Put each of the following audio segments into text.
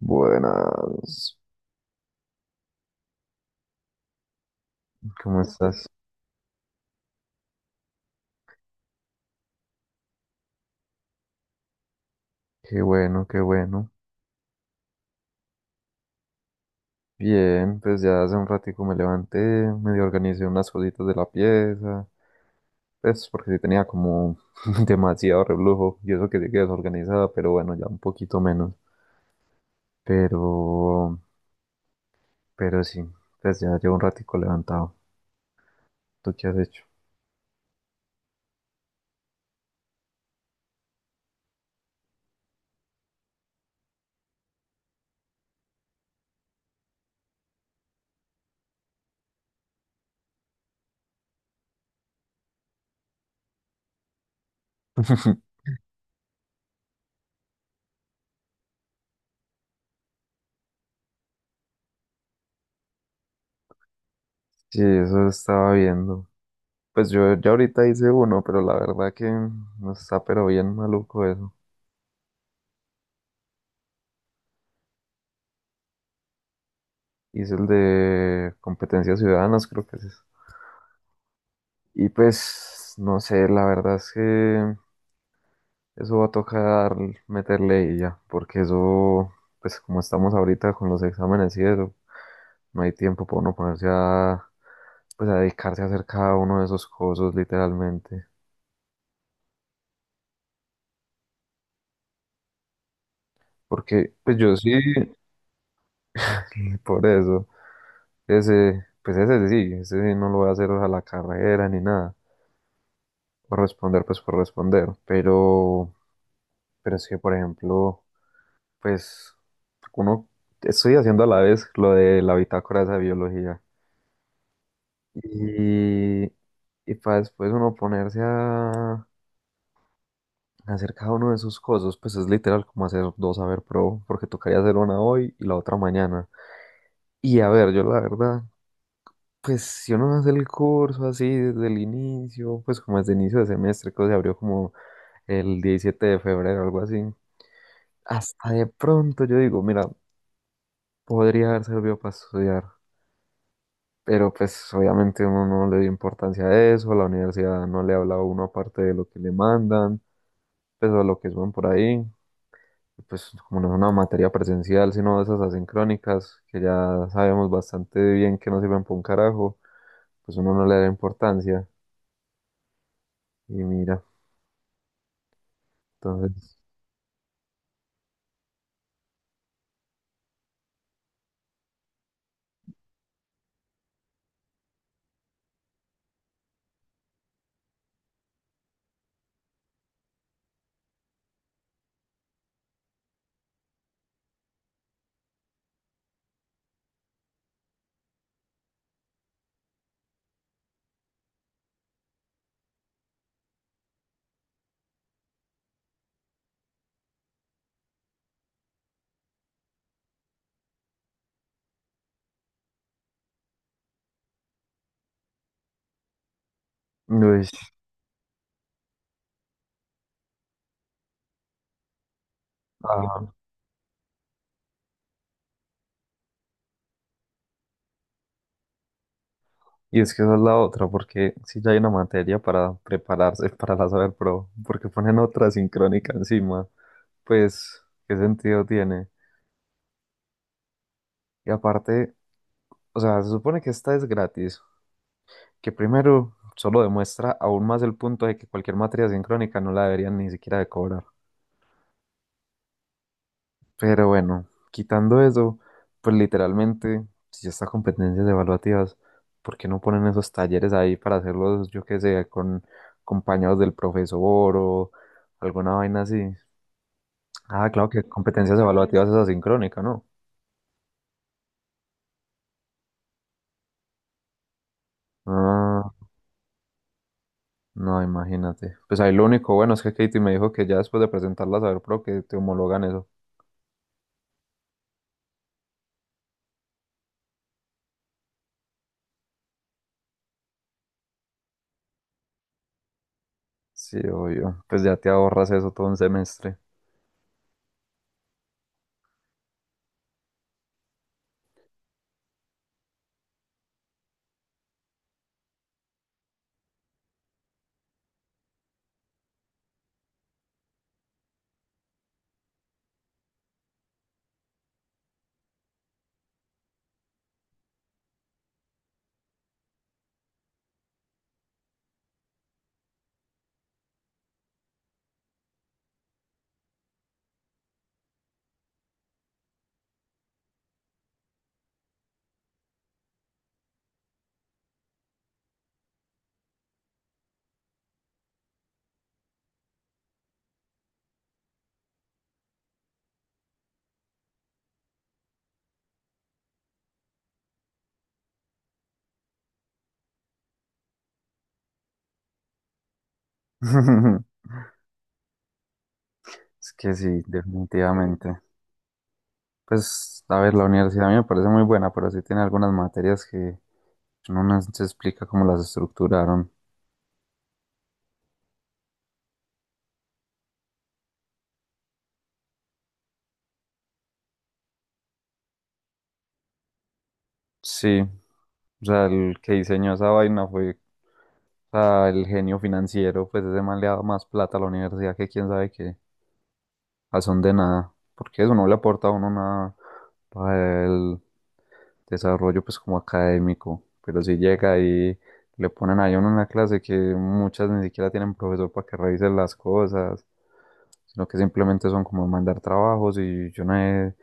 Buenas, ¿cómo estás? Qué bueno, qué bueno. Bien, pues ya hace un ratico me levanté, medio organicé unas cositas de la pieza, pues porque sí tenía como demasiado reblujo y eso que sí que desorganizada, pero bueno, ya un poquito menos. Pero, pero sí, pues ya llevo un ratico levantado. ¿Tú qué has hecho? Sí, eso estaba viendo. Pues yo ya ahorita hice uno, pero la verdad que no está pero bien maluco eso. Y es el de competencias ciudadanas, creo que es eso. Y pues, no sé, la verdad es que eso va a tocar meterle y ya, porque eso, pues como estamos ahorita con los exámenes y eso, no hay tiempo para uno ponerse a, pues a dedicarse a hacer cada uno de esos cosas, literalmente. Porque, pues yo sí, por eso, ese, pues ese sí no lo voy a hacer a la carrera ni nada, por responder, pues por responder, pero es que, por ejemplo, pues uno estoy haciendo a la vez lo de la bitácora esa de biología. Y, y para después uno ponerse a hacer cada uno de sus cosas, pues es literal como hacer dos haber pro, porque tocaría hacer una hoy y la otra mañana. Y a ver, yo la verdad, pues si uno hace el curso así desde el inicio, pues como desde el inicio de semestre, que se abrió como el 17 de febrero, algo así, hasta de pronto yo digo, mira, podría haber servido para estudiar. Pero pues obviamente uno no le dio importancia a eso, la universidad no le habla a uno aparte de lo que le mandan, pues o lo que suben por ahí, y, pues como no es una materia presencial, sino de esas asincrónicas, que ya sabemos bastante bien que no sirven para un carajo, pues uno no le da importancia, y mira, entonces, uy, ah, y es que esa es la otra, porque si ya hay una materia para prepararse para la saber pro, porque ponen otra asincrónica encima, pues, ¿qué sentido tiene? Y aparte... O sea, se supone que esta es gratis, que primero solo demuestra aún más el punto de que cualquier materia sincrónica no la deberían ni siquiera de cobrar. Pero bueno, quitando eso, pues literalmente, si ya está competencias evaluativas, ¿por qué no ponen esos talleres ahí para hacerlos, yo qué sé, con compañeros del profesor o alguna vaina así? Ah, claro que competencias evaluativas es asincrónica, ¿no? Ah, no, imagínate. Pues ahí lo único bueno es que Katie me dijo que ya después de presentarlas a saber Pro que te homologan eso. Sí, obvio. Pues ya te ahorras eso todo un semestre. Es que sí, definitivamente. Pues, a ver, la universidad a mí me parece muy buena, pero sí tiene algunas materias que no nos se explica cómo las estructuraron. Sí, o sea, el que diseñó esa vaina fue, o sea, el genio financiero, pues ese man le ha dado más plata a la universidad que quién sabe qué, a son de nada, porque eso no le aporta a uno nada para desarrollo pues como académico, pero si llega y le ponen ahí a uno en la clase que muchas ni siquiera tienen profesor para que revisen las cosas, sino que simplemente son como mandar trabajos y yo no sé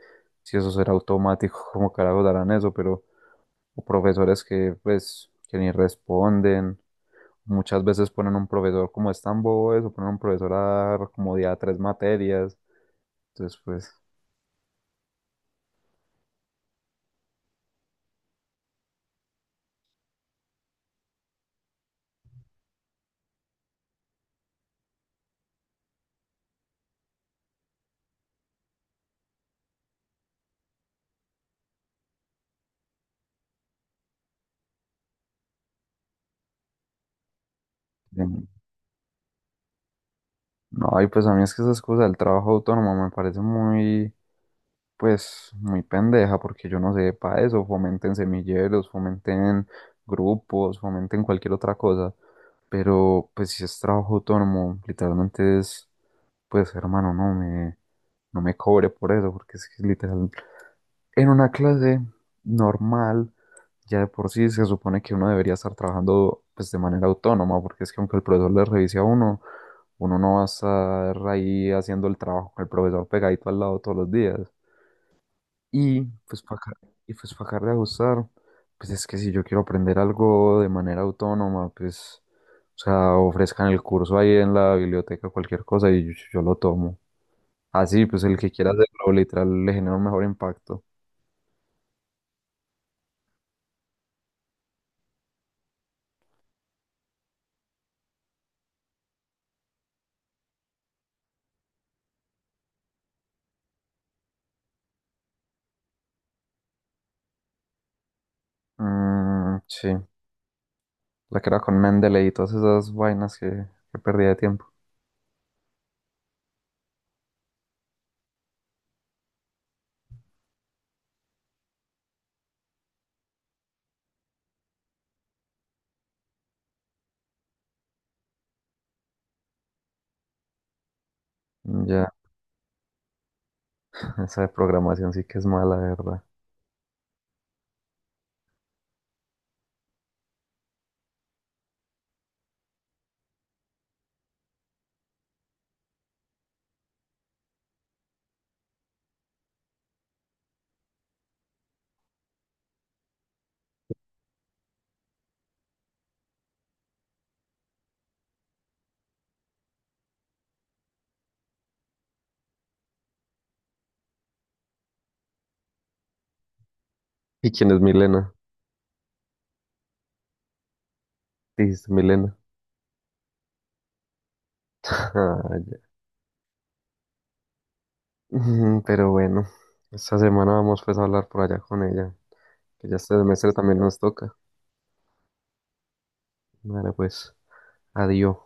si eso será automático, cómo carajos darán eso, pero o profesores que pues que ni responden. Muchas veces ponen un profesor como es tan bobo eso, ponen un profesor a dar como día tres materias. Entonces, pues, em, no, y pues a mí es que esas cosas del trabajo autónomo me parecen muy, pues muy pendeja, porque yo no sé para eso, fomenten semilleros, fomenten grupos, fomenten cualquier otra cosa, pero pues si es trabajo autónomo, literalmente es, pues hermano, no me cobre por eso, porque es que literal, en una clase normal, ya de por sí se supone que uno debería estar trabajando pues de manera autónoma, porque es que aunque el profesor le revise a uno, uno no va a estar ahí haciendo el trabajo con el profesor pegadito al lado todos los días. Y pues para, y pues para acabar de ajustar, pues es que si yo quiero aprender algo de manera autónoma, pues, o sea, ofrezcan el curso ahí en la biblioteca, cualquier cosa, y yo lo tomo. Así, pues el que quiera hacerlo, literal, le genera un mejor impacto. Mm, sí, la que era con Mendeley y todas esas vainas que perdía de tiempo. Mm, ya, esa de programación sí que es mala, de verdad. ¿Y quién es Milena? Dijiste Milena. Ah, ya. Ujú, pero bueno, esta semana vamos pues a hablar por allá con ella, que ya este semestre también nos toca. Vale, pues, adiós.